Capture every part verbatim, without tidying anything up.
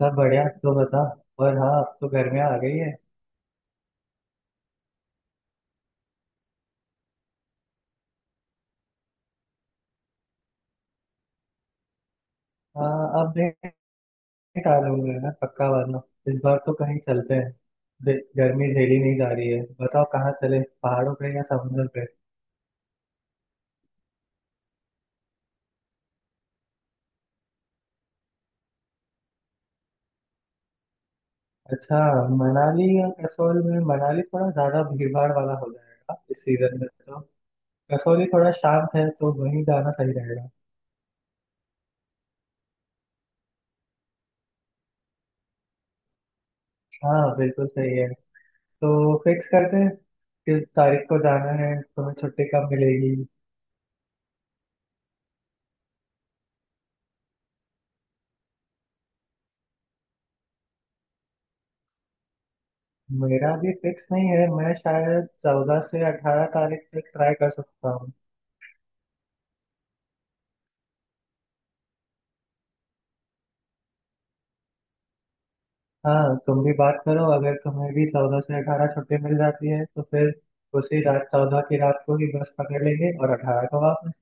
सब बढ़िया तो बता। और हाँ अब तो गर्मियाँ आ गई है। हाँ अब देख आ लूंगा ना पक्का वाला। इस बार तो कहीं चलते हैं। दे- गर्मी झेली नहीं जा रही है। बताओ कहाँ चले, पहाड़ों पे या समुद्र पे? अच्छा, मनाली या कसौल में मनाली थोड़ा ज्यादा भीड़ भाड़ वाला हो जाएगा इस सीजन में तो। कसौली थोड़ा शांत है तो वहीं जाना सही रहेगा। हाँ बिल्कुल सही है। तो फिक्स करते हैं। किस तारीख को जाना है, तुम्हें छुट्टी कब मिलेगी? मेरा भी फिक्स नहीं है, मैं शायद चौदह से अठारह तारीख तक ट्राई कर सकता हूँ। हाँ, तुम भी बात करो, अगर तुम्हें भी चौदह से अठारह छुट्टी मिल जाती है तो फिर उसी रात चौदह की रात को ही बस पकड़ लेंगे और अठारह को वापस।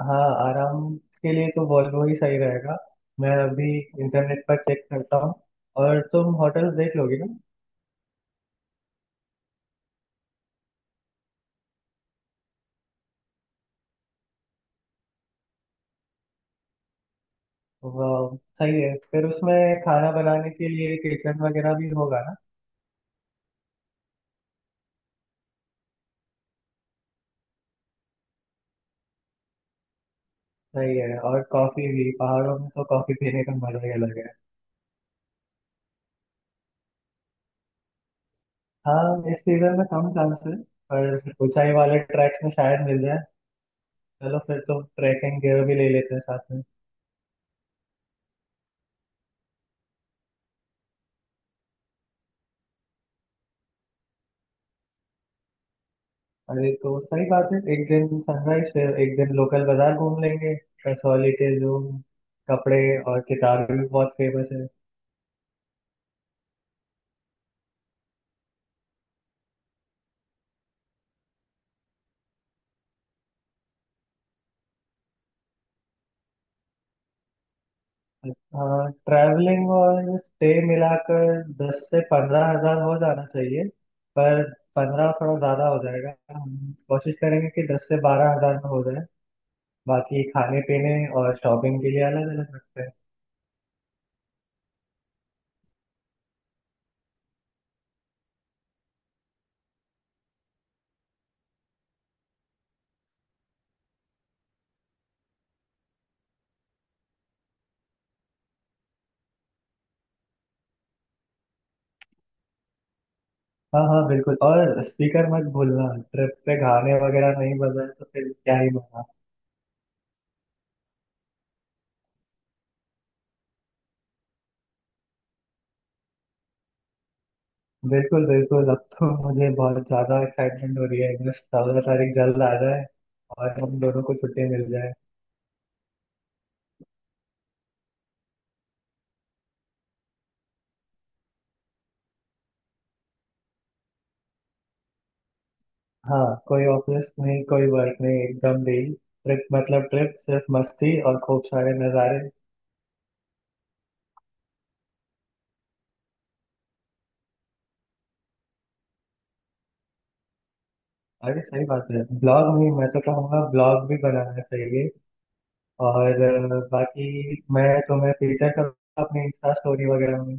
हाँ, आराम के लिए तो वॉल्वो ही सही रहेगा। मैं अभी इंटरनेट पर चेक करता हूँ। और तुम होटल्स देख लोगे ना? वाह सही है। फिर उसमें खाना बनाने के लिए किचन वगैरह भी होगा ना? सही है। और कॉफी भी, पहाड़ों में तो कॉफी पीने का मजा ही अलग है। हाँ, इस सीजन में कम चांस है, पर ऊंचाई वाले ट्रैक्स में शायद मिल जाए। चलो फिर तो ट्रैकिंग गियर भी ले लेते हैं साथ में। अरे तो सही बात है, एक दिन सनराइज फिर एक दिन लोकल बाजार घूम लेंगे। कसौली के जो कपड़े और किताबें भी बहुत फेमस है। हाँ, ट्रैवलिंग और स्टे मिलाकर दस से पंद्रह हजार हो जाना चाहिए। पर पंद्रह थोड़ा ज़्यादा हो जाएगा, हम कोशिश करेंगे कि दस से बारह हजार में हो जाए। बाकी खाने पीने और शॉपिंग के लिए अलग अलग रखते हैं। हाँ हाँ बिल्कुल, और स्पीकर मत भूलना। ट्रिप पे गाने वगैरह नहीं बजाए तो फिर क्या ही मजा। बिल्कुल बिल्कुल, अब तो मुझे बहुत ज्यादा एक्साइटमेंट हो रही है, बस चौदह तारीख जल्द आ जाए और हम दोनों को छुट्टी मिल जाए। हाँ, कोई ऑफिस नहीं कोई वर्क नहीं, एकदम भी ट्रिप मतलब ट्रिप, सिर्फ मस्ती और खूब सारे नज़ारे। अरे सही बात है, ब्लॉग भी, मैं तो कहूँगा ब्लॉग भी बनाना चाहिए। और अ, बाकी मैं तुम्हें फीचर करूँगा अपनी इंस्टा स्टोरी वगैरह में।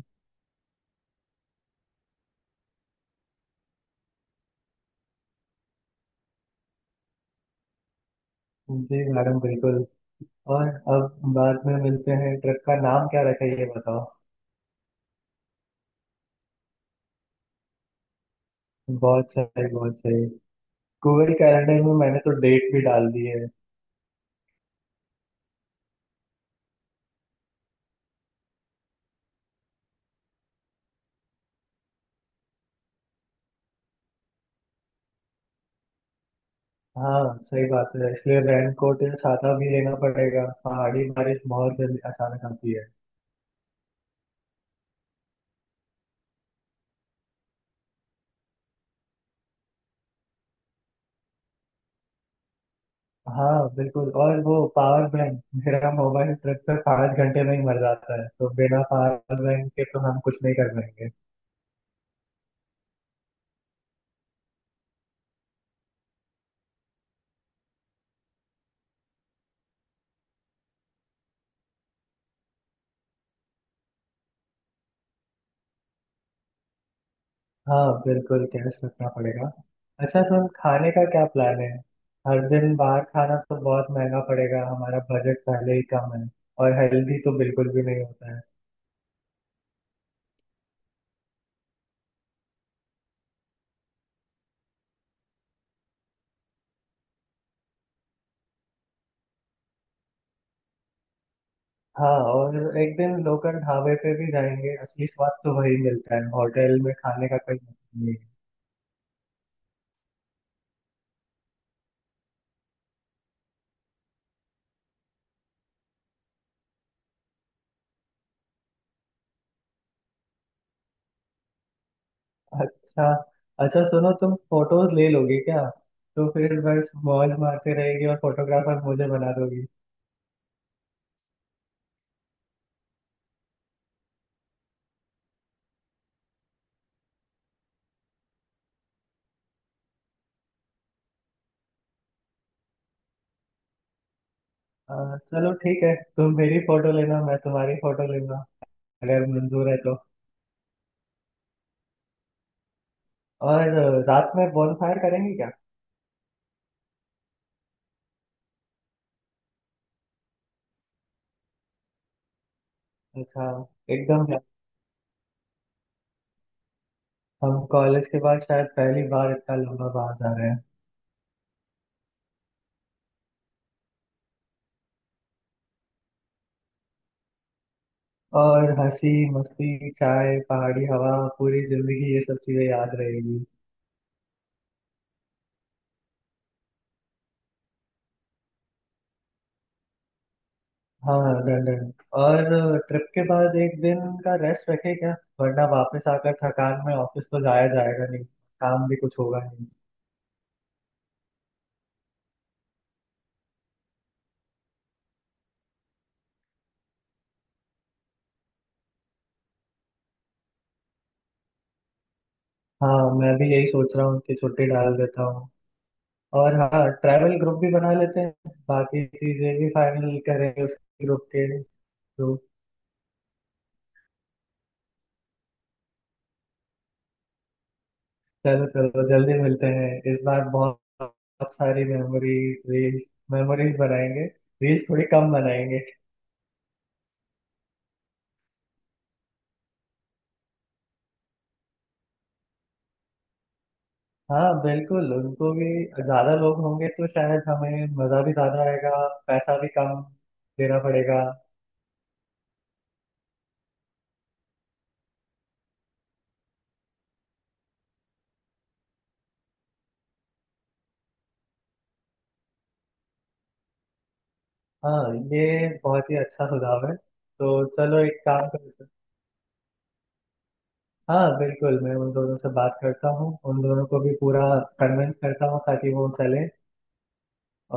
जी मैडम बिल्कुल। और अब बाद में मिलते हैं, ट्रिप का नाम क्या रखा है ये बताओ? बहुत सही बहुत सही। गूगल कैलेंडर में मैंने तो डेट भी डाल दी है। हाँ सही बात है, इसलिए रेन कोट या छाता भी लेना पड़ेगा, पहाड़ी बारिश बहुत जल्दी अचानक आती है। हाँ बिल्कुल, और वो पावर बैंक, मेरा मोबाइल ट्रिप पे पाँच घंटे में ही मर जाता है, तो बिना पावर बैंक के तो हम कुछ नहीं कर पाएंगे। हाँ बिल्कुल, टेस्ट रखना पड़ेगा। अच्छा सुन, खाने का क्या प्लान है? हर दिन बाहर खाना तो बहुत महंगा पड़ेगा, हमारा बजट पहले ही कम है, और हेल्दी तो बिल्कुल भी नहीं होता है। हाँ, और एक दिन लोकल ढाबे पे भी जाएंगे, असली स्वाद तो वही मिलता है, होटल में खाने का कोई मतलब नहीं है। अच्छा अच्छा सुनो, तुम फोटोज ले लोगे क्या? तो फिर बस मौज मारते रहेगी और फोटोग्राफर मुझे बना दोगी। आ, चलो ठीक है, तुम मेरी फोटो लेना, मैं तुम्हारी फोटो लूंगा, अगर मंजूर है तो। और अ, रात में फायर करेंगे क्या? अच्छा। एकदम, हम कॉलेज के बाद शायद पहली बार इतना लंबा बाहर जा रहे हैं। और हंसी मस्ती चाय पहाड़ी हवा, पूरी जिंदगी ये सब चीजें याद रहेगी। हाँ डन डन। और ट्रिप के बाद एक दिन का रेस्ट रखें क्या? वरना वापस आकर थकान में ऑफिस तो जाया जाएगा नहीं, काम भी कुछ होगा नहीं। हाँ, मैं भी यही सोच रहा हूँ कि छुट्टी डाल देता हूँ। और हाँ, ट्रैवल ग्रुप भी बना लेते हैं, बाकी चीजें भी फाइनल करेंगे उस ग्रुप के तो। चलो चलो जल्दी मिलते हैं, इस बार बहुत बहुत सारी मेमोरीज रील्स, मेमोरीज बनाएंगे, रील्स थोड़ी कम बनाएंगे। हाँ बिल्कुल उनको भी, ज्यादा लोग होंगे तो शायद हमें मजा भी ज्यादा आएगा, पैसा भी कम देना पड़ेगा। हाँ ये बहुत ही अच्छा सुझाव है, तो चलो एक काम करते हैं। हाँ बिल्कुल, मैं उन दोनों से बात करता हूँ, उन दोनों को भी पूरा कन्विंस करता हूँ ताकि वो चले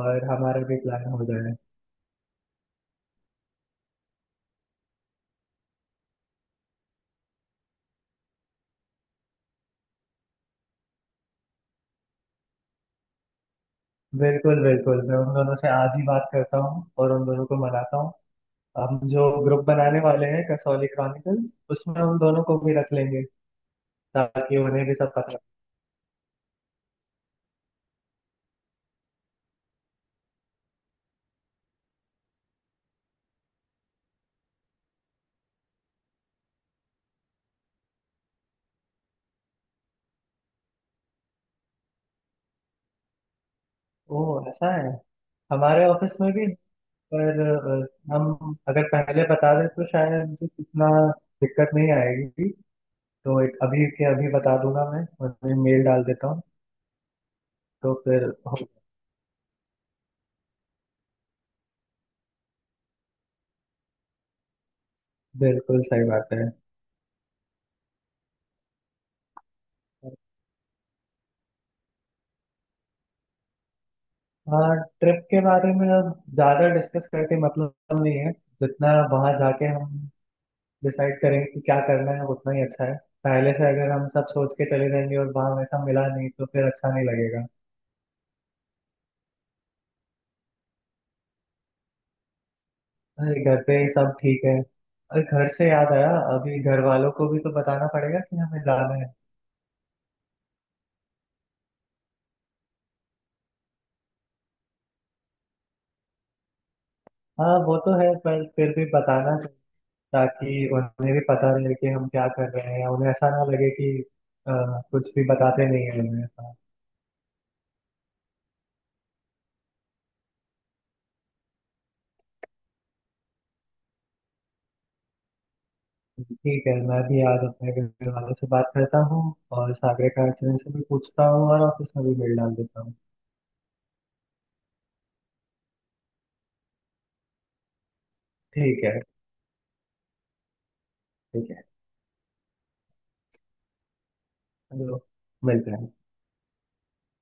और हमारा भी प्लान हो जाए। बिल्कुल बिल्कुल, मैं उन दोनों से आज ही बात करता हूँ और उन दोनों को मनाता हूँ। हम जो ग्रुप बनाने वाले हैं कसौली क्रॉनिकल्स, उसमें उन दोनों को भी रख लेंगे, ताकि उन्हें भी सब पता। ओ, ऐसा है? हमारे ऑफिस में भी, पर अ, हम अगर पहले बता दें तो शायद इतना दिक्कत नहीं आएगी। तो एक अभी के अभी बता दूंगा, मैं उन्हें मेल डाल देता हूँ। तो फिर हो- बिल्कुल सही बात है। हाँ, ट्रिप के बारे में अब ज्यादा डिस्कस करके मतलब नहीं है, जितना वहां जाके हम डिसाइड करेंगे कि क्या करना है उतना ही अच्छा है। पहले से अगर हम सब सोच के चले जाएंगे और वहां वैसा मिला नहीं तो फिर अच्छा नहीं लगेगा। अरे घर पे ही सब ठीक है, अरे घर से याद आया, अभी घर वालों को भी तो बताना पड़ेगा कि हमें जाना है। हाँ वो तो है, पर फिर भी बताना चाहिए, ताकि उन्हें भी पता रहे कि हम क्या कर रहे हैं, उन्हें ऐसा ना लगे कि अ, कुछ भी बताते नहीं है उन्हें। ठीक है, मैं भी आज अपने घर वालों से बात करता हूँ और सागरे का एक्सीडेंट से भी पूछता हूँ और ऑफिस में भी मेल डाल देता हूँ। ठीक है ठीक है, चलो मिलते हैं।